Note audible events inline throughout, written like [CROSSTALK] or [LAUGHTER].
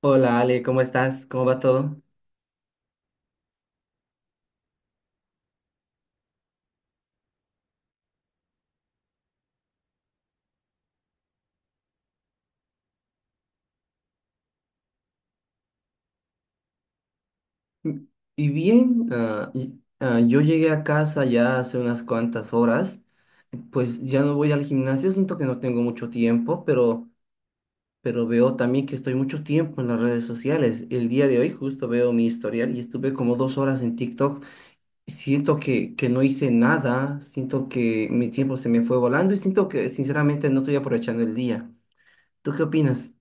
Hola Ale, ¿cómo estás? ¿Cómo va todo? Mm. Y bien, ah, y- ah, Yo llegué a casa ya hace unas cuantas horas, pues ya no voy al gimnasio, siento que no tengo mucho tiempo, pero veo también que estoy mucho tiempo en las redes sociales. El día de hoy justo veo mi historial y estuve como dos horas en TikTok. Siento que no hice nada, siento que mi tiempo se me fue volando y siento que sinceramente no estoy aprovechando el día. ¿Tú qué opinas?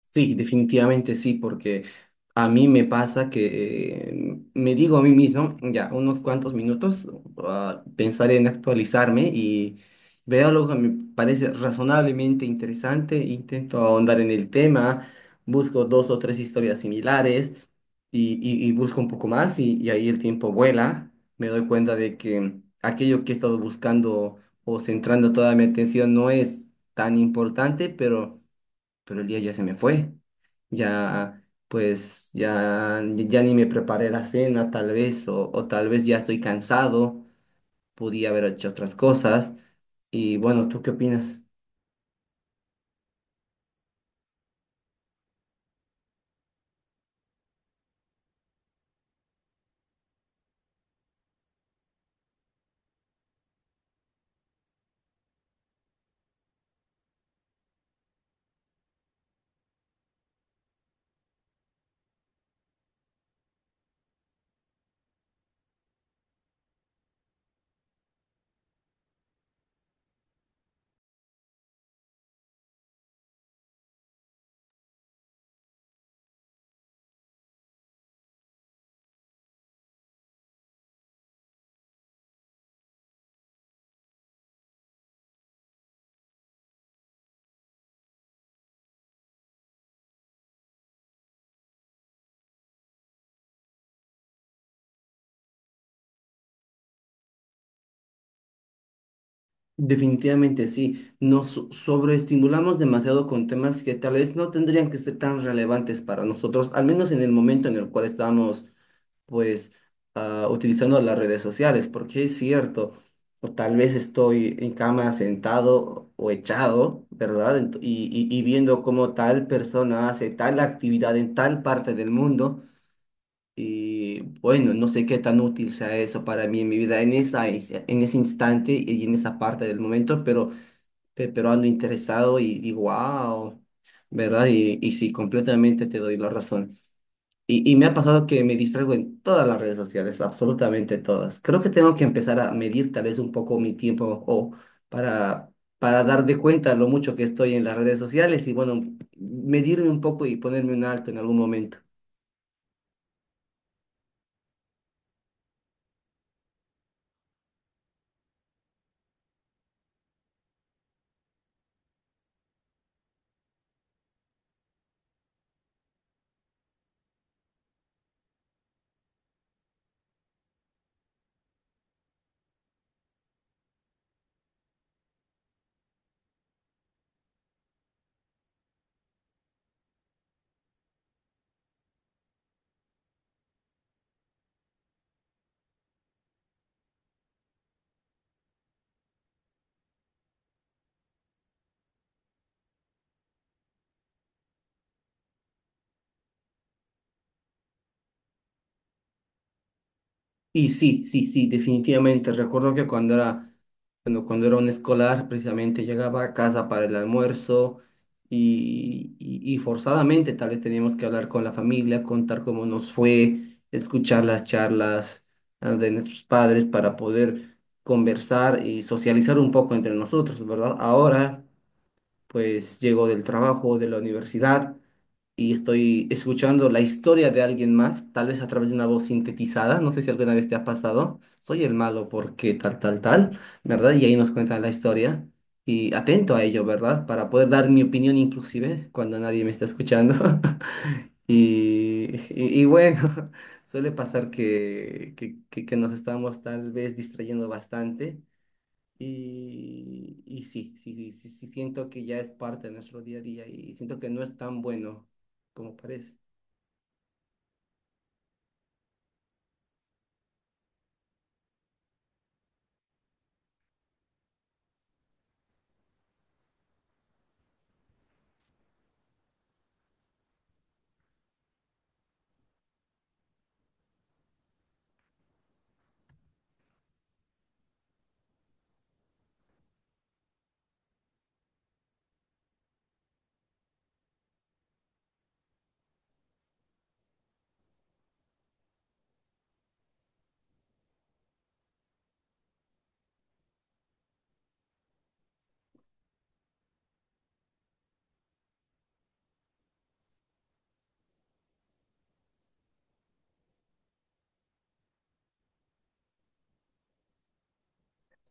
Sí, definitivamente sí, porque a mí me pasa que me digo a mí mismo, ya, unos cuantos minutos, pensaré en actualizarme y veo algo que me parece razonablemente interesante, intento ahondar en el tema, busco dos o tres historias similares y busco un poco más y ahí el tiempo vuela, me doy cuenta de que aquello que he estado buscando o centrando toda mi atención no es tan importante, pero el día ya se me fue. Ya, pues, ya ni me preparé la cena, tal vez, o tal vez ya estoy cansado, podía haber hecho otras cosas. Y bueno, ¿tú qué opinas? Definitivamente sí, sobreestimulamos demasiado con temas que tal vez no tendrían que ser tan relevantes para nosotros, al menos en el momento en el cual estamos pues utilizando las redes sociales, porque es cierto, o tal vez estoy en cama sentado o echado, ¿verdad? Y viendo cómo tal persona hace tal actividad en tal parte del mundo y bueno, no sé qué tan útil sea eso para mí en mi vida en en ese instante y en esa parte del momento, pero ando interesado y wow, ¿verdad? Y sí, completamente te doy la razón. Y me ha pasado que me distraigo en todas las redes sociales, absolutamente todas. Creo que tengo que empezar a medir tal vez un poco mi tiempo o para, para dar de cuenta lo mucho que estoy en las redes sociales y bueno, medirme un poco y ponerme un alto en algún momento. Y sí, sí, sí, definitivamente. Recuerdo que cuando era, cuando era un escolar, precisamente llegaba a casa para el almuerzo y forzadamente tal vez teníamos que hablar con la familia, contar cómo nos fue, escuchar las charlas de nuestros padres para poder conversar y socializar un poco entre nosotros, ¿verdad? Ahora, pues llego del trabajo, de la universidad y estoy escuchando la historia de alguien más, tal vez a través de una voz sintetizada, no sé si alguna vez te ha pasado, soy el malo porque tal, tal, tal, ¿verdad? Y ahí nos cuentan la historia y atento a ello, ¿verdad? Para poder dar mi opinión inclusive cuando nadie me está escuchando. [LAUGHS] Y bueno, [LAUGHS] suele pasar que nos estamos tal vez distrayendo bastante. Y sí, sí, sí, sí, sí, siento que ya es parte de nuestro día a día y siento que no es tan bueno como parece.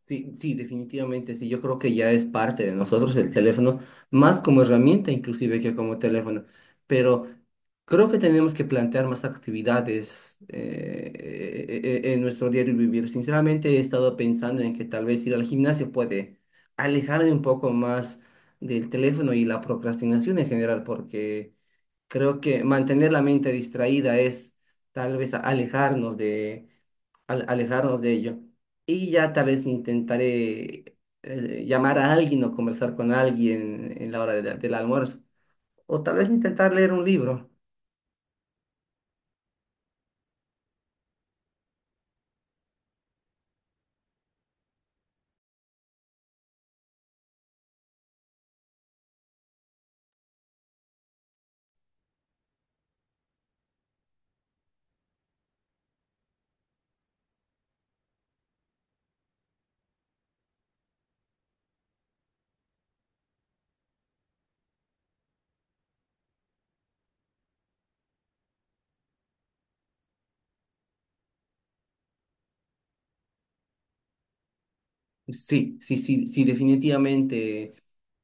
Sí, sí, definitivamente, sí, yo creo que ya es parte de nosotros el teléfono, más como herramienta inclusive que como teléfono, pero creo que tenemos que plantear más actividades en nuestro diario vivir. Sinceramente he estado pensando en que tal vez ir al gimnasio puede alejarme un poco más del teléfono y la procrastinación en general, porque... Creo que mantener la mente distraída es tal vez alejarnos de ello. Y ya tal vez intentaré llamar a alguien o conversar con alguien en la hora de del almuerzo. O tal vez intentar leer un libro. Sí, sí, sí, sí, definitivamente.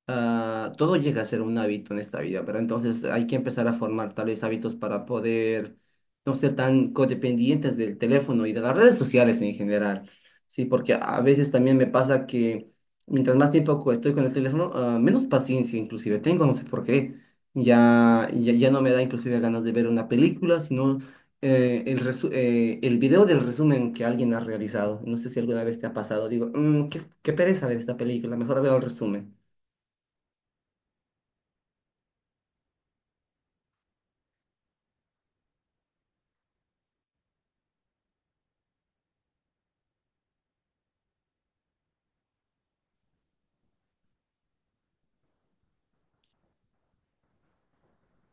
Todo llega a ser un hábito en esta vida, ¿verdad? Entonces hay que empezar a formar tal vez hábitos para poder no ser tan codependientes del teléfono y de las redes sociales en general. Sí, porque a veces también me pasa que mientras más tiempo estoy con el teléfono, menos paciencia inclusive tengo, no sé por qué. Ya, ya, ya no me da inclusive ganas de ver una película, sino el video del resumen que alguien ha realizado. No sé si alguna vez te ha pasado. Digo, "Mm, qué pereza ver esta película, mejor veo el resumen".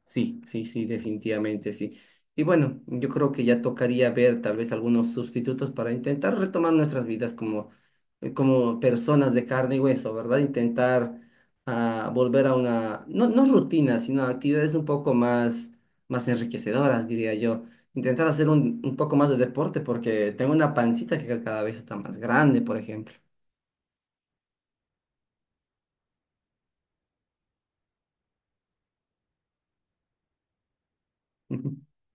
Sí, sí, sí, definitivamente sí. Y bueno, yo creo que ya tocaría ver tal vez algunos sustitutos para intentar retomar nuestras vidas como, como personas de carne y hueso, ¿verdad? Intentar volver a una, no, no rutina, sino actividades un poco más, más enriquecedoras, diría yo. Intentar hacer un poco más de deporte porque tengo una pancita que cada vez está más grande, por ejemplo. [LAUGHS]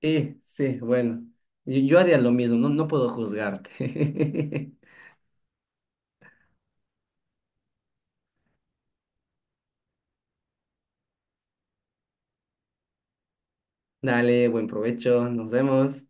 Y sí, bueno, yo haría lo mismo, no, no puedo juzgarte. [LAUGHS] Dale, buen provecho, nos vemos.